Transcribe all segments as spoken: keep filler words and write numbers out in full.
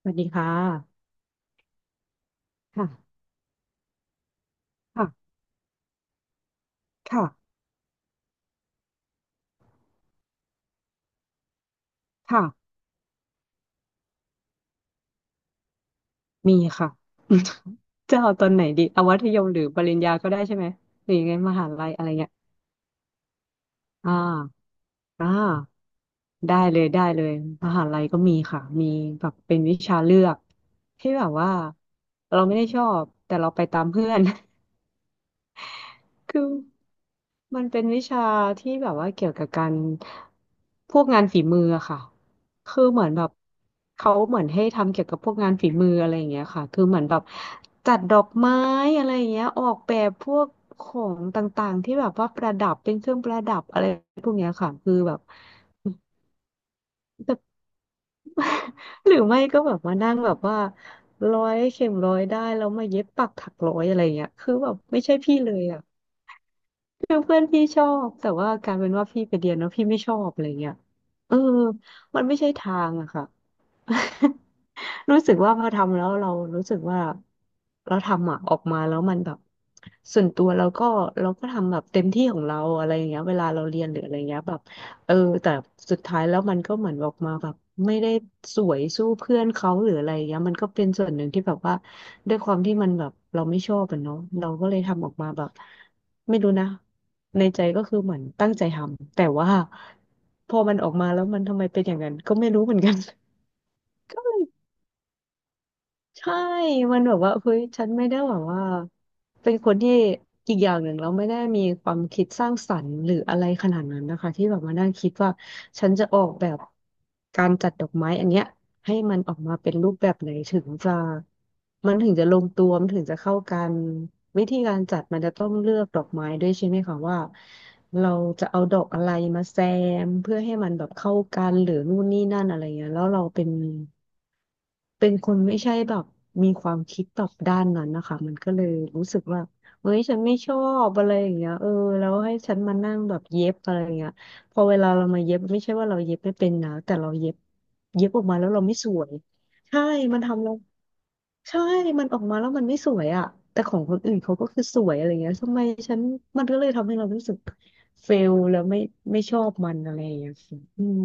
สวัสดีค่ะค่ะค่ะค่ะค่ะ มีค่ะ จะเอาตอนไหนดีเอามัธยมหรือปริญญาก็ได้ใช่ไหมหรือยังไงมหาลัยอะไรเงี้ยอ่าอ่าได้เลยได้เลยมหาลัยก็มีค่ะ มีแบบเป็นวิชาเลือกที่แบบว่าเราไม่ได้ชอบแต่เราไปตามเพื่อน คือมันเป็นวิชาที่แบบว่าเกี่ยวกับการพวกงานฝีมืออะค่ะคือเหมือนแบบเขาเหมือนให้ทำเกี่ยวกับพวกงานฝีมืออะไรอย่างเงี้ยค่ะคือเหมือนแบบจัดดอกไม้อะไรอย่างเงี้ยออกแบบพวกของต่างๆที่แบบว่าประดับเป็นเครื่องประดับอะไรพวกเนี้ยค่ะคือแบบหรือไม่ก็แบบมานั่งแบบว่าร้อยเข็มร้อยได้แล้วมาเย็บปักถักร้อยอะไรอย่างเงี้ยคือแบบไม่ใช่พี่เลยอะ คือเพื่อนพี่ชอบแต่ว่าการเป็นว่าพี่ไปเรียนแล้วพี่ไม่ชอบอะไรเงี้ยเออมันไม่ใช่ทางอะค่ะ รู้สึกว่าพอทำแล้วเรารู้สึกว่าเราทำอ่ะออกมาแล้วมันแบบส่วนตัวเราก็เราก็ทำแบบเต็มที่ของเราอะไรอย่างเงี้ยเวลาเราเรียนหรืออะไรเงี้ยแบบเออแต่สุดท้ายแล้วมันก็เหมือนออกมาแบบไม่ได้สวยสู้เพื่อนเขาหรืออะไรเงี้ยมันก็เป็นส่วนหนึ่งที่แบบว่าด้วยความที่มันแบบเราไม่ชอบอะเนาะเราก็เลยทำออกมาแบบไม่รู้นะในใจก็คือเหมือนตั้งใจทำแต่ว่าพอมันออกมาแล้วมันทำไมเป็นอย่างนั้นก็ไม่รู้เหมือนกัน ใช่ มันแบบว่าเฮ้ยฉันไม่ได้แบบว่าเป็นคนที่อีกอย่างหนึ่งเราไม่ได้มีความคิดสร้างสรรค์หรืออะไรขนาดนั้นนะคะที่แบบมานั่งคิดว่าฉันจะออกแบบการจัดดอกไม้อันเนี้ยให้มันออกมาเป็นรูปแบบไหนถึงจะมันถึงจะลงตัวมันถึงจะเข้ากันวิธีการจัดมันจะต้องเลือกดอกไม้ด้วยใช่ไหมคะว่าเราจะเอาดอกอะไรมาแซมเพื่อให้มันแบบเข้ากันหรือนู่นนี่นั่นอะไรเงี้ยแล้วเราเป็น เป็นคนไม่ใช่แบบมีความคิดแบบด้านนั้นนะคะมันก็เลยรู้สึกว่า เฮ้ยฉันไม่ชอบอะไรอย่างเงี้ยเออแล้วให้ฉันมานั่งแบบเย็บอะไรอย่างเงี้ยพอเวลาเรามาเย็บไม่ใช่ว่าเราเย็บไม่เป็นนะแต่เราเย็บเย็บออกมาแล้วเราไม่สวยใช่มันทำเราใช่มันออกมาแล้วมันไม่สวยอ่ะแต่ของคนอื่นเขาก็คือสวยอะไรเงี้ยทำไมฉันมันก็เลยทำให้เรารู้สึกเฟลแล้วไม่ไม่ชอบมันอะไรอย่างเงี้ยค่ะอืม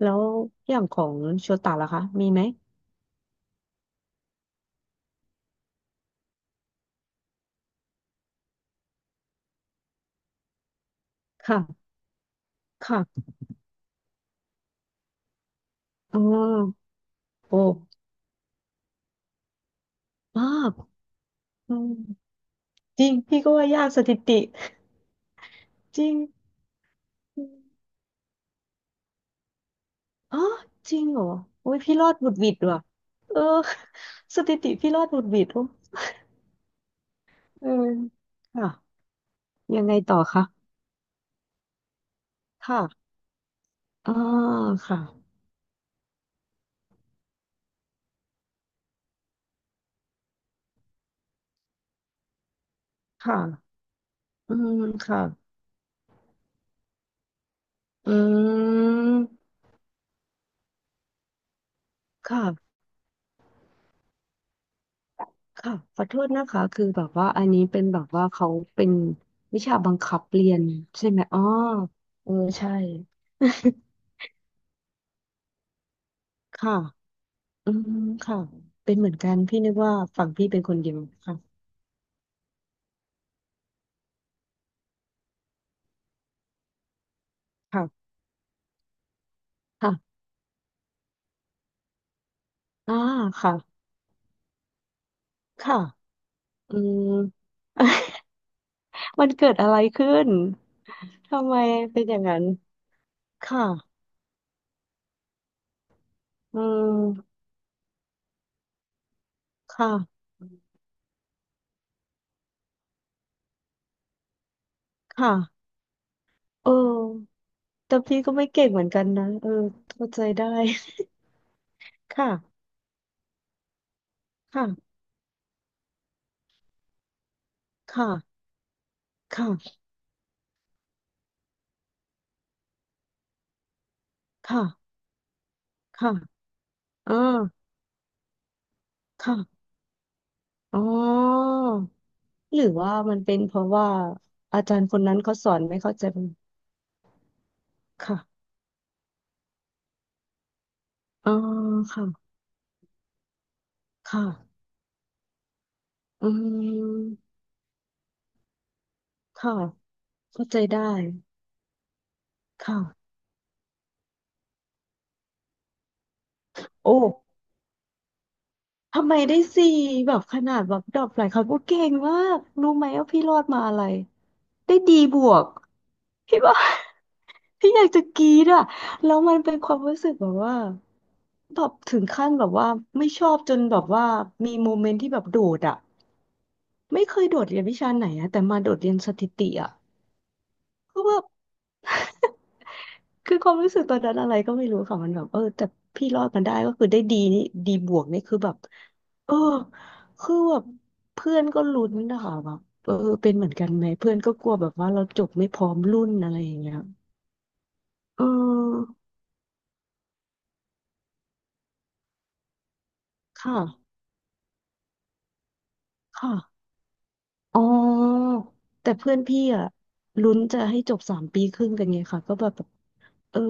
แล้วอย่างของโชตะล่ะคะมีไหมค่ะ ค่ะอ๋อโอ้มากอืมจริงพี่ก็ว่ายากสถิติจริงอมอ๋อจริงเหรอโอ้ยพี่รอดหวุดหวิดว่ะเออสถิติพี่รอดหวุดหวิดโอ้เออค่ะยังไงต่อคะค่ะอ่าค่ะค่ะอืมค่ะอืมค่ะค่ะขอโทษนะคะคือแบบว่าอันนี้เป็นแบบว่าเขาเป็นวิชาบังคับเรียนใช่ไหมอ๋อเออใช่ ค่ะ อืมค่ะเป็นเหมือนกันพี่นึกว่าฝั่งพี่เป็นคนเดียวค่ะค่ะค่ะอ่าค่ะค่ะอืม มันเกิดอะไรขึ้นทำไมเป็นอย่างนั้นค่ะอืมค่ะค่ะเออแต่พี่ก็ไม่เก่งเหมือนกันนะเออเข้าใจได้ ค่ะค่ะค่ะค่ะค่ะค่ะอ่าค่ะอ๋อหรือว่ามันเป็นเพราะว่าอาจารย์คนนั้นเขาสอนไม่เข้าใจมันค่ะ อ๋อค่ะ ค่ะ อืม ค่ะเข้าใจได้ ค่ะ โอ้ ทำไมได้สี่แบบขนาดแบบดรอปหลายครั้งโอ้เก่งมาก รู้ไหมว่าพี่รอดมาอะไร ได้ดีบวก พี่บอก พี่อยากจะกรี๊ดอ่ะแล้วมันเป็นความรู้สึกแบบว่าแบบถึงขั้นแบบว่าไม่ชอบจนแบบว่ามีโมเมนต์ที่แบบโดดอ่ะไม่เคยโดดเรียนวิชาไหนอะแต่มาโดดเรียนสถิติอ่ะก็แบบ คือความรู้สึกตอนนั้นอะไรก็ไม่รู้ค่ะมันแบบเออแต่พี่รอดมันได้ก็คือได้ดีนี่ดีบวกนี่คือแบบเออคือแบบเพื่อนก็ลุ้นนะคะแบบเออเป็นเหมือนกันไหมเพื่อนก็กลัวแบบว่าเราจบไม่พร้อมรุ่นอะไรอย่างเงี้ยเออค่ะค่ะอ๋อแต่เพื่อนพี่อะลุ้นจะให้จบสามปีครึ่งกันไงค่ะก็แบบเออ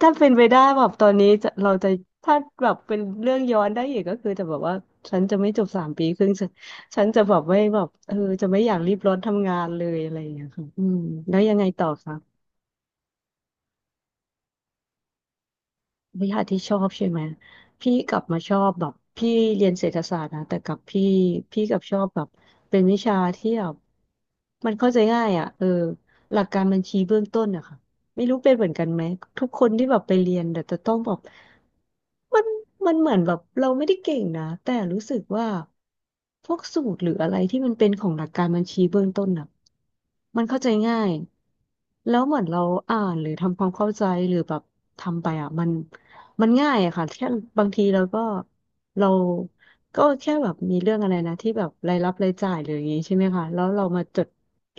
ถ้าเป็นไปได้แบบตอนนี้จะเราจะถ้าแบบเป็นเรื่องย้อนได้อีกก็คือจะแบบว่าฉันจะไม่จบสามปีครึ่งฉันฉันจะแบบไม่แบบเออจะไม่อยากรีบร้อนทำงานเลยอะไรอย่างเงี้ยค่ะอืมแล้วยังไงต่อคะ วิชาที่ชอบใช่ไหมพี่กลับมาชอบแบบพี่เรียนเศรษฐศาสตร์นะแต่กับพี่พี่กลับชอบแบบเป็นวิชาที่แบบมันเข้าใจง่ายอ่ะเออหลักการบัญชีเบื้องต้นอะค่ะไม่รู้เป็นเหมือนกันไหมทุกคนที่แบบไปเรียนแต่จะต้องแบบมันมันเหมือนแบบเราไม่ได้เก่งนะแต่รู้สึกว่าพวกสูตรหรืออะไรที่มันเป็นของหลักการบัญชีเบื้องต้นอะมันเข้าใจง่ายแล้วเหมือนเราอ่านหรือทำความเข้าใจหรือแบบทำไปอ่ะมัน มันง่ายอะค่ะแค่บางทีเราก็เราก็แค่แบบมีเรื่องอะไรนะที่แบบรายรับรายจ่ายหรืออย่างงี้ใช่ไหมคะแล้วเรามาจด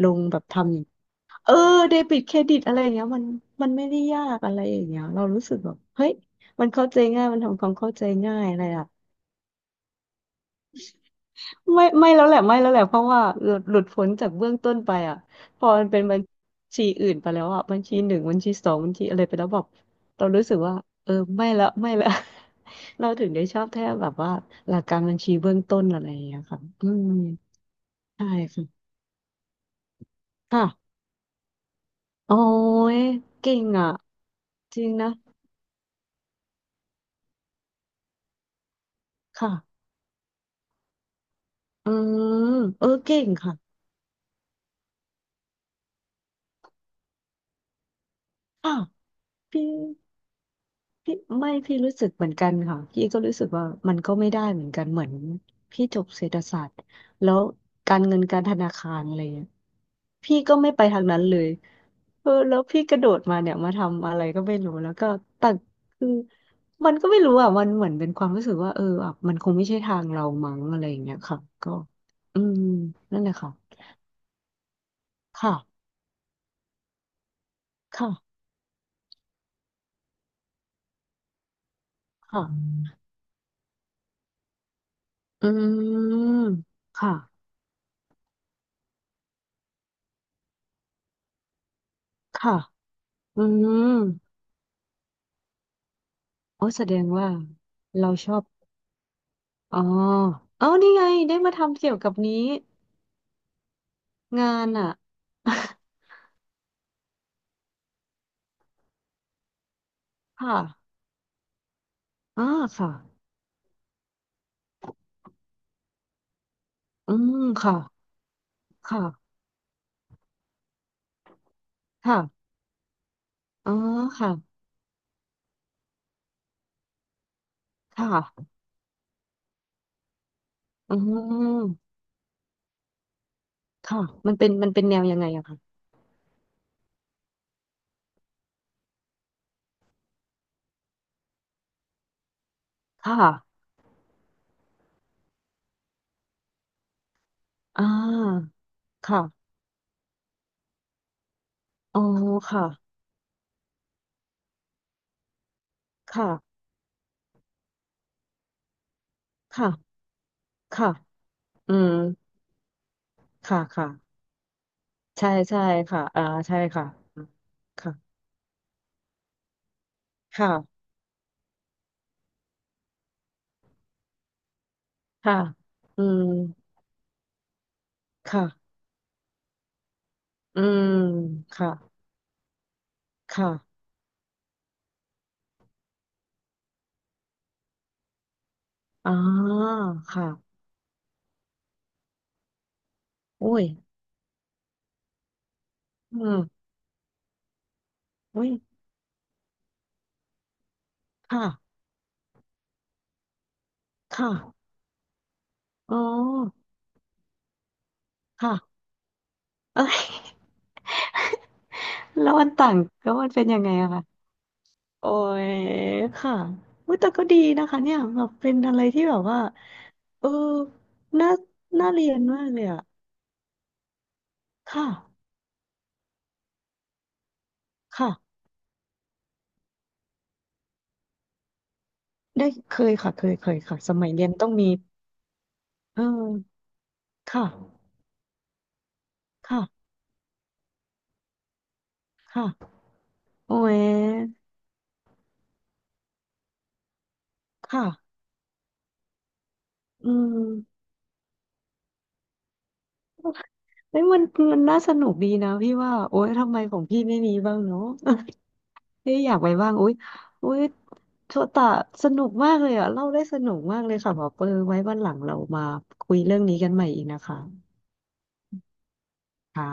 ลงแบบทำเออเดบิตเครดิตอะไรอย่างเงี้ยมันมันไม่ได้ยากอะไรอย่างเงี้ยเรารู้สึกแบบเฮ้ยมันเข้าใจง่ายมันทำความเข้าใจง่ายอะไร ไม่ไม่แล้วแหละไม่แล้วแหละเพราะว่าหลุดหลุดพ้นจากเบื้องต้นไปอ่ะพอมันเป็นบัญชีอื่นไปแล้วอ่ะบัญชีหนึ่งบัญชีสองบัญชีอะไรไปแล้วแบบเรารู้สึกว่าเออไม่ละไม่ละ เราถึงได้ชอบแท้แบบว่าหลักการบัญชีเบื้องต้นอะไรอย่างเงี้ยค่ะอืมใช่ค่ะค่ะโอ้ยเก่งอ่ะจริงนะค่ะอืมเออเก่งค่ะค่ะพี่ พี่ไม่พี่รู้สึกเหมือนกันค่ะพี่ก็รู้สึกว่ามันก็ไม่ได้เหมือนกันเหมือนพี่จบเศรษฐศาสตร์แล้วการเงินการธนาคารอะไรเงี้ยพี่ก็ไม่ไปทางนั้นเลยเออแล้วพี่กระโดดมาเนี่ยมาทำอะไรก็ไม่รู้แล้วก็แต่คือมันก็ไม่รู้อ่ะมันเหมือนเป็นความรู้สึกว่าเอออ่ะมันคงไม่ใช่ทางเรามั้งอะไรอย่างเงี้ยค่ะก็อืมนั่นแหละค่ะค่ะค่ะค่ะอืมค่ะค่ะอืม อ๋อแสดงว่าเราชอบอ๋อเอานี่ไงได้มาทำเกี่ยวกับนี้งานอ่ะ ค่ะอ่าค่ะอืมค่ะค่ะค่ะอ๋อค่ะค่ะอืมค่ะมันเป็นมันเป็นแนวยังไงอะคะค่ะอ่าค่ะอ๋อค่ะค่ะค่ะค่ะอืมค่ะค่ะใช่ใช่ค่ะอ่าใช่ค่ะค่ะค่ะค่ะอืมค่ะอืมค่ะ ค่ะอ๋อค่ะ อุ้ยอืมอุ้ยค่ะค่ะอ๋อค่ะเอ้ย แล้วมันต่างแล้วมันเป็นยังไงอะคะโอ้ยค่ะอุยแต่ก็ดีนะคะเนี่ยแบบเป็นอะไรที่แบบว่าเออน่าน่าเรียนมากเลยอะค่ะ ค่ะได้เคยค่ะเคยเคยค่ะสมัยเรียนต้องมีเออค่ะ ค่ะค่ะโอ้ยค่ะอืม เอ้ยมันมันน่าสนุกดีนะพี่ว่าโอ๊ยทำไมของพี่ไม่มีบ้างเนาะ เอ่อยากไปบ้างโอ๊ยโอ๊ยโชตะสนุกมากเลยอ่ะเล่าได้สนุกมากเลยค่ะหมอเปอไว้วันหลังเรามาคุยเรื่องนี้กันใหม่อีกนะคะค่ะ